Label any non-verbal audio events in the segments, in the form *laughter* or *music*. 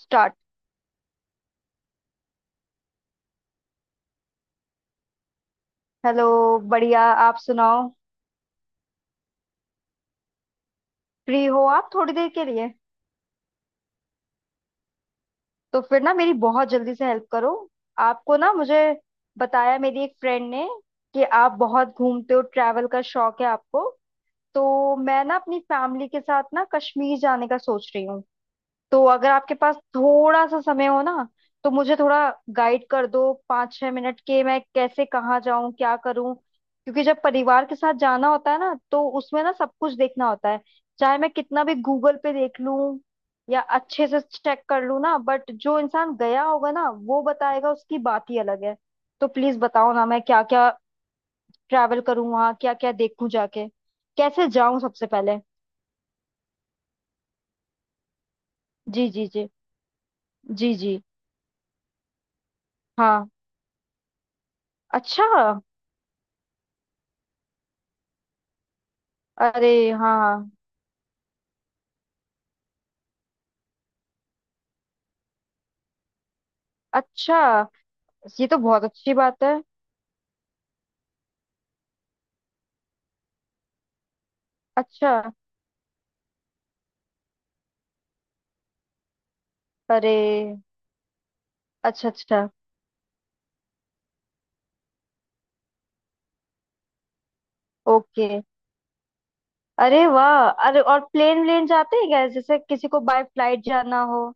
Start. Hello. बढ़िया, आप सुनाओ। फ्री हो आप थोड़ी देर के लिए? तो फिर ना मेरी बहुत जल्दी से हेल्प करो। आपको ना मुझे बताया मेरी एक फ्रेंड ने कि आप बहुत घूमते हो, ट्रैवल का शौक है आपको। तो मैं ना अपनी फैमिली के साथ ना कश्मीर जाने का सोच रही हूँ। तो अगर आपके पास थोड़ा सा समय हो ना तो मुझे थोड़ा गाइड कर दो पाँच छह मिनट के, मैं कैसे कहाँ जाऊं क्या करूं, क्योंकि जब परिवार के साथ जाना होता है ना तो उसमें ना सब कुछ देखना होता है। चाहे मैं कितना भी गूगल पे देख लूं या अच्छे से चेक कर लूं ना, बट जो इंसान गया होगा ना वो बताएगा, उसकी बात ही अलग है। तो प्लीज बताओ ना, मैं क्या क्या ट्रैवल करूं, वहाँ क्या क्या देखूं जाके, कैसे जाऊं सबसे पहले। जी जी जी। जी जी। हाँ। अच्छा। अरे हाँ। अच्छा। ये तो बहुत अच्छी बात है। अच्छा। अरे। अच्छा अच्छा। ओके। अरे वाह! अरे, और प्लेन व्लेन जाते हैं क्या, जैसे किसी को बाय फ्लाइट जाना हो?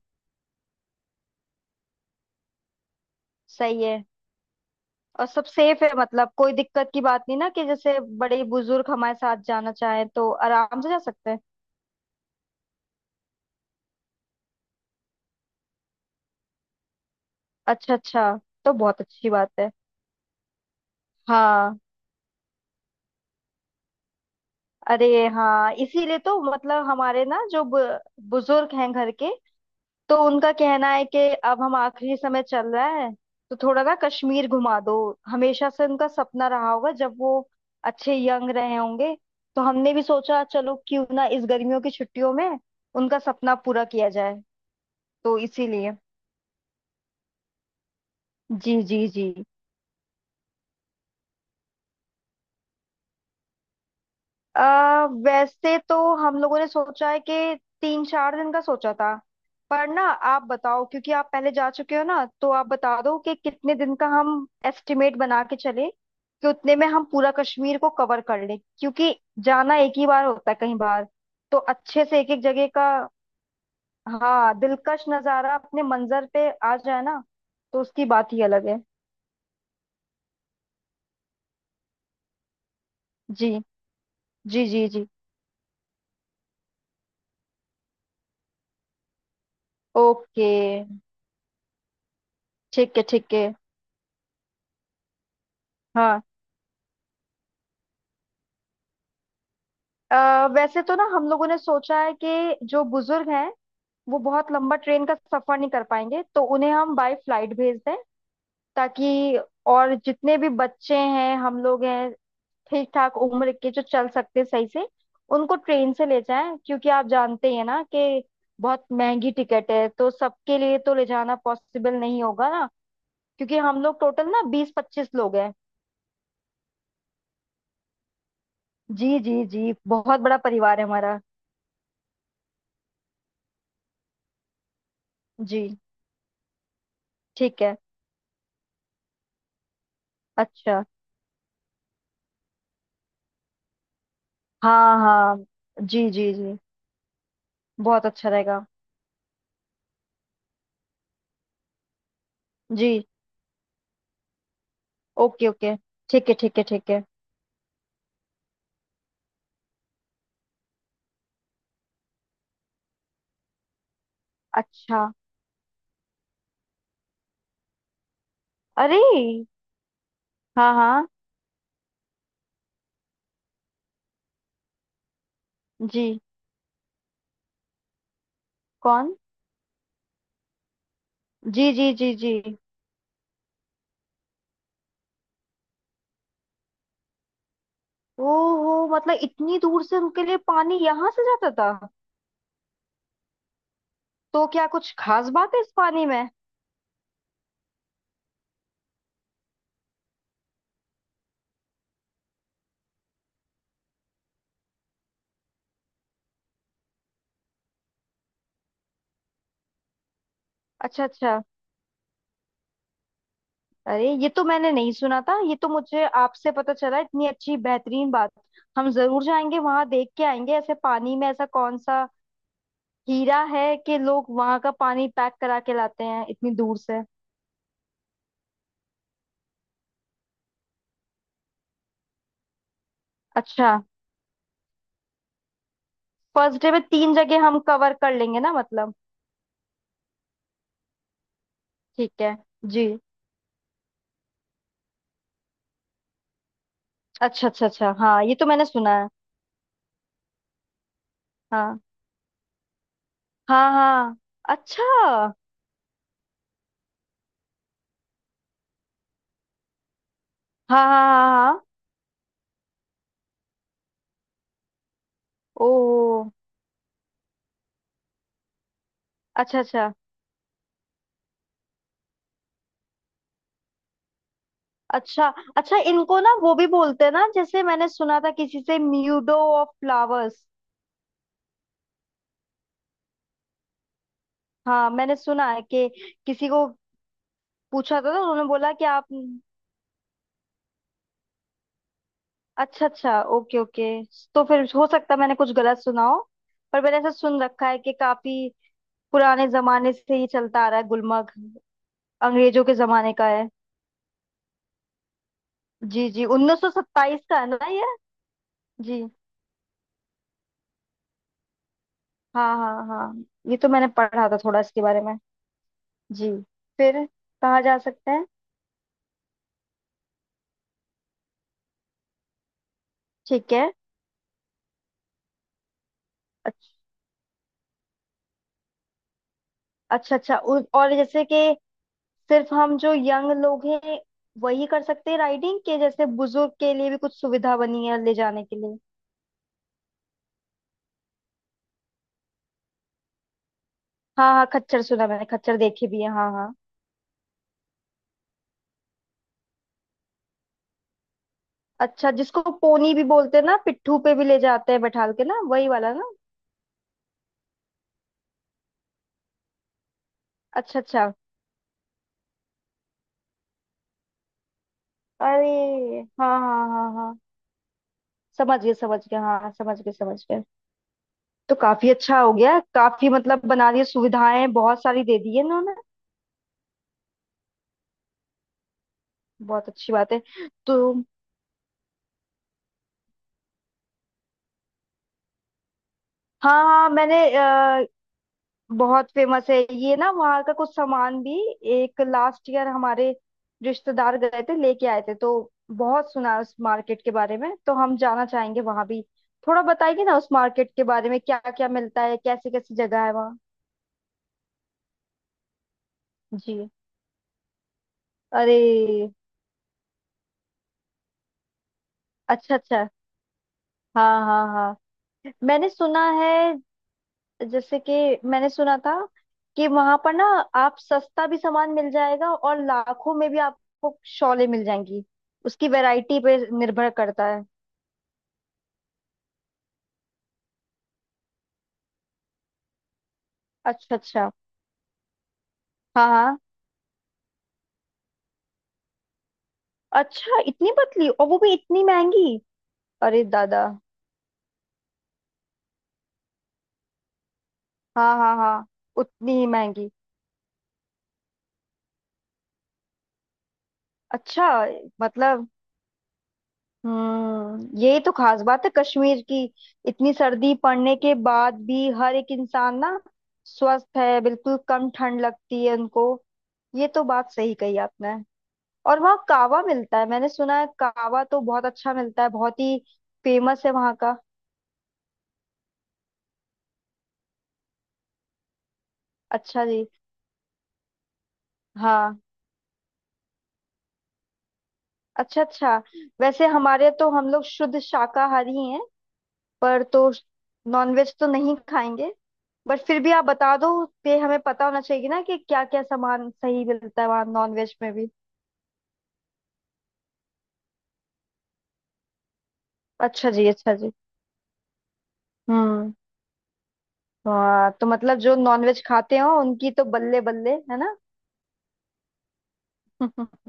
सही है। और सब सेफ है मतलब? कोई दिक्कत की बात नहीं ना, कि जैसे बड़े बुजुर्ग हमारे साथ जाना चाहें तो आराम से जा सकते हैं? अच्छा अच्छा। तो बहुत अच्छी बात है। हाँ। अरे हाँ, इसीलिए तो, मतलब हमारे ना जो बुजुर्ग हैं घर के, तो उनका कहना है कि अब हम आखिरी समय चल रहा है, तो थोड़ा ना कश्मीर घुमा दो। हमेशा से उनका सपना रहा होगा जब वो अच्छे यंग रहे होंगे। तो हमने भी सोचा चलो क्यों ना इस गर्मियों की छुट्टियों में उनका सपना पूरा किया जाए, तो इसीलिए। जी जी जी। वैसे तो हम लोगों ने सोचा है कि तीन चार दिन का सोचा था, पर ना आप बताओ, क्योंकि आप पहले जा चुके हो ना तो आप बता दो कि कितने दिन का हम एस्टिमेट बना के चले कि उतने में हम पूरा कश्मीर को कवर कर लें, क्योंकि जाना एक ही बार होता है कहीं बार, तो अच्छे से एक एक जगह का। हाँ, दिलकश नज़ारा अपने मंजर पे आ जाए ना तो उसकी बात ही अलग है। जी जी जी जी। ओके। ठीक है ठीक है। हाँ। अ वैसे तो ना हम लोगों ने सोचा है कि जो बुजुर्ग हैं वो बहुत लंबा ट्रेन का सफर नहीं कर पाएंगे, तो उन्हें हम बाय फ्लाइट भेज दें ताकि। और जितने भी बच्चे हैं, हम लोग हैं ठीक ठाक उम्र के जो चल सकते हैं सही से, उनको ट्रेन से ले जाएं, क्योंकि आप जानते ही हैं ना कि बहुत महंगी टिकट है, तो सबके लिए तो ले जाना पॉसिबल नहीं होगा ना। क्योंकि हम लोग टोटल ना बीस पच्चीस लोग हैं। जी जी जी, बहुत बड़ा परिवार है हमारा। जी। ठीक है। अच्छा। हाँ हाँ। जी जी जी, बहुत अच्छा रहेगा। जी। Okay okay. ठीक है ठीक है ठीक है। अच्छा। अरे। हाँ हाँ। जी। कौन? जी जी जी जी। ओहो, मतलब इतनी दूर से उनके लिए पानी यहाँ से जाता था? तो क्या कुछ खास बात है इस पानी में? अच्छा अच्छा। अरे, ये तो मैंने नहीं सुना था, ये तो मुझे आपसे पता चला इतनी अच्छी बेहतरीन बात। हम जरूर जाएंगे वहां देख के आएंगे, ऐसे पानी में ऐसा कौन सा हीरा है कि लोग वहां का पानी पैक करा के लाते हैं इतनी दूर से। अच्छा। फर्स्ट डे में तीन जगह हम कवर कर लेंगे ना मतलब? ठीक है। जी। अच्छा अच्छा अच्छा, हाँ ये तो मैंने सुना है। हाँ हाँ हाँ। अच्छा हाँ। हाँ हाँ हाँ। ओ। अच्छा अच्छा। अच्छा। अच्छा, इनको ना वो भी बोलते हैं ना, जैसे मैंने सुना था किसी से, म्यूडो ऑफ फ्लावर्स। हाँ मैंने सुना है कि किसी को पूछा था तो उन्होंने बोला कि आप। अच्छा अच्छा, ओके ओके। तो फिर हो सकता है मैंने कुछ गलत सुना हो, पर मैंने ऐसा सुन रखा है कि काफी पुराने जमाने से ये चलता आ रहा है गुलमर्ग, अंग्रेजों के जमाने का है। जी जी, 1927 का है ना ये? जी। हाँ हाँ हाँ, ये तो मैंने पढ़ा था थोड़ा इसके बारे में। जी। फिर कहाँ जा सकते हैं? ठीक है। अच्छ- अच्छा अच्छा। और जैसे कि सिर्फ हम जो यंग लोग हैं वही कर सकते हैं राइडिंग, के जैसे बुजुर्ग के लिए भी कुछ सुविधा बनी है ले जाने के लिए? हाँ हाँ, खच्चर सुना मैंने, खच्चर देखी भी है, हाँ हाँ। अच्छा, जिसको पोनी भी बोलते हैं ना, पिट्ठू पे भी ले जाते हैं बैठाल के ना, वही वाला ना? अच्छा अच्छा। अरे हाँ हाँ हाँ हाँ, समझ गए समझ गए, हाँ समझ गए समझ गए। तो काफी अच्छा हो गया, काफी मतलब बना रही है सुविधाएं, बहुत सारी दे दी है इन्होंने। बहुत अच्छी बात है। तो हाँ हाँ, मैंने बहुत फेमस है ये ना वहाँ का, कुछ सामान भी एक लास्ट ईयर हमारे रिश्तेदार गए थे लेके आए थे, तो बहुत सुना है उस मार्केट के बारे में, तो हम जाना चाहेंगे वहां भी। थोड़ा बताइए ना उस मार्केट के बारे में, क्या क्या मिलता है, कैसी कैसी जगह है वहाँ। जी। अरे। अच्छा अच्छा। हाँ हाँ हाँ, मैंने सुना है, जैसे कि मैंने सुना था कि वहां पर ना आप सस्ता भी सामान मिल जाएगा और लाखों में भी आपको शॉलें मिल जाएंगी, उसकी वैरायटी पे निर्भर करता है। अच्छा अच्छा। हाँ हाँ। अच्छा, इतनी पतली और वो भी इतनी महंगी? अरे दादा! हाँ हाँ हाँ। उतनी ही महंगी। अच्छा। मतलब, हम्म, यही तो खास बात है कश्मीर की, इतनी सर्दी पड़ने के बाद भी हर एक इंसान ना स्वस्थ है, बिल्कुल कम ठंड लगती है उनको। ये तो बात सही कही आपने। और वहाँ कावा मिलता है, मैंने सुना है, कावा तो बहुत अच्छा मिलता है, बहुत ही फेमस है वहाँ का। अच्छा जी। हाँ। अच्छा अच्छा। वैसे हमारे तो हम लोग शुद्ध शाकाहारी पर तो, नॉनवेज तो नहीं खाएंगे, बट फिर भी आप बता दो, ये हमें पता होना चाहिए कि ना कि क्या क्या सामान सही मिलता है वहाँ नॉनवेज में भी। अच्छा जी अच्छा जी। हम्म। हाँ तो मतलब जो नॉनवेज खाते हो उनकी तो बल्ले बल्ले है ना। *laughs*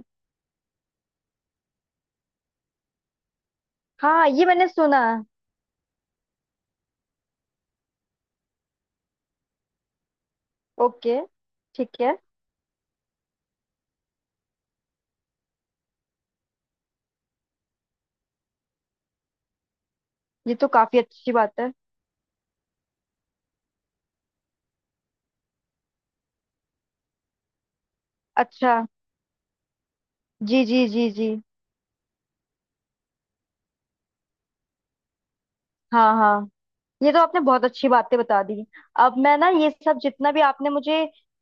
हाँ ये मैंने सुना। ओके। ठीक है। ये तो काफी अच्छी बात है। अच्छा। जी जी जी जी। हाँ हाँ, ये तो आपने बहुत अच्छी बातें बता दी। अब मैं ना ये सब जितना भी आपने मुझे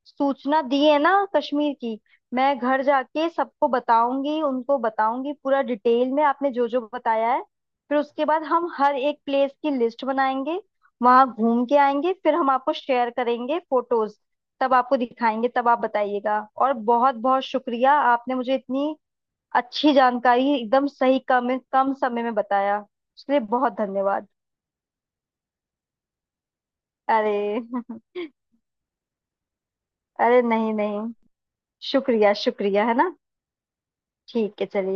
सूचना दी है ना कश्मीर की, मैं घर जाके सबको बताऊंगी, उनको बताऊंगी पूरा डिटेल में आपने जो जो बताया है। फिर उसके बाद हम हर एक प्लेस की लिस्ट बनाएंगे, वहां घूम के आएंगे, फिर हम आपको शेयर करेंगे फोटोज, तब आपको दिखाएंगे, तब आप बताइएगा। और बहुत बहुत शुक्रिया, आपने मुझे इतनी अच्छी जानकारी एकदम सही, कम कम समय में बताया, उसके लिए बहुत धन्यवाद। अरे *laughs* अरे नहीं नहीं, शुक्रिया शुक्रिया, है ना? ठीक है, चलिए।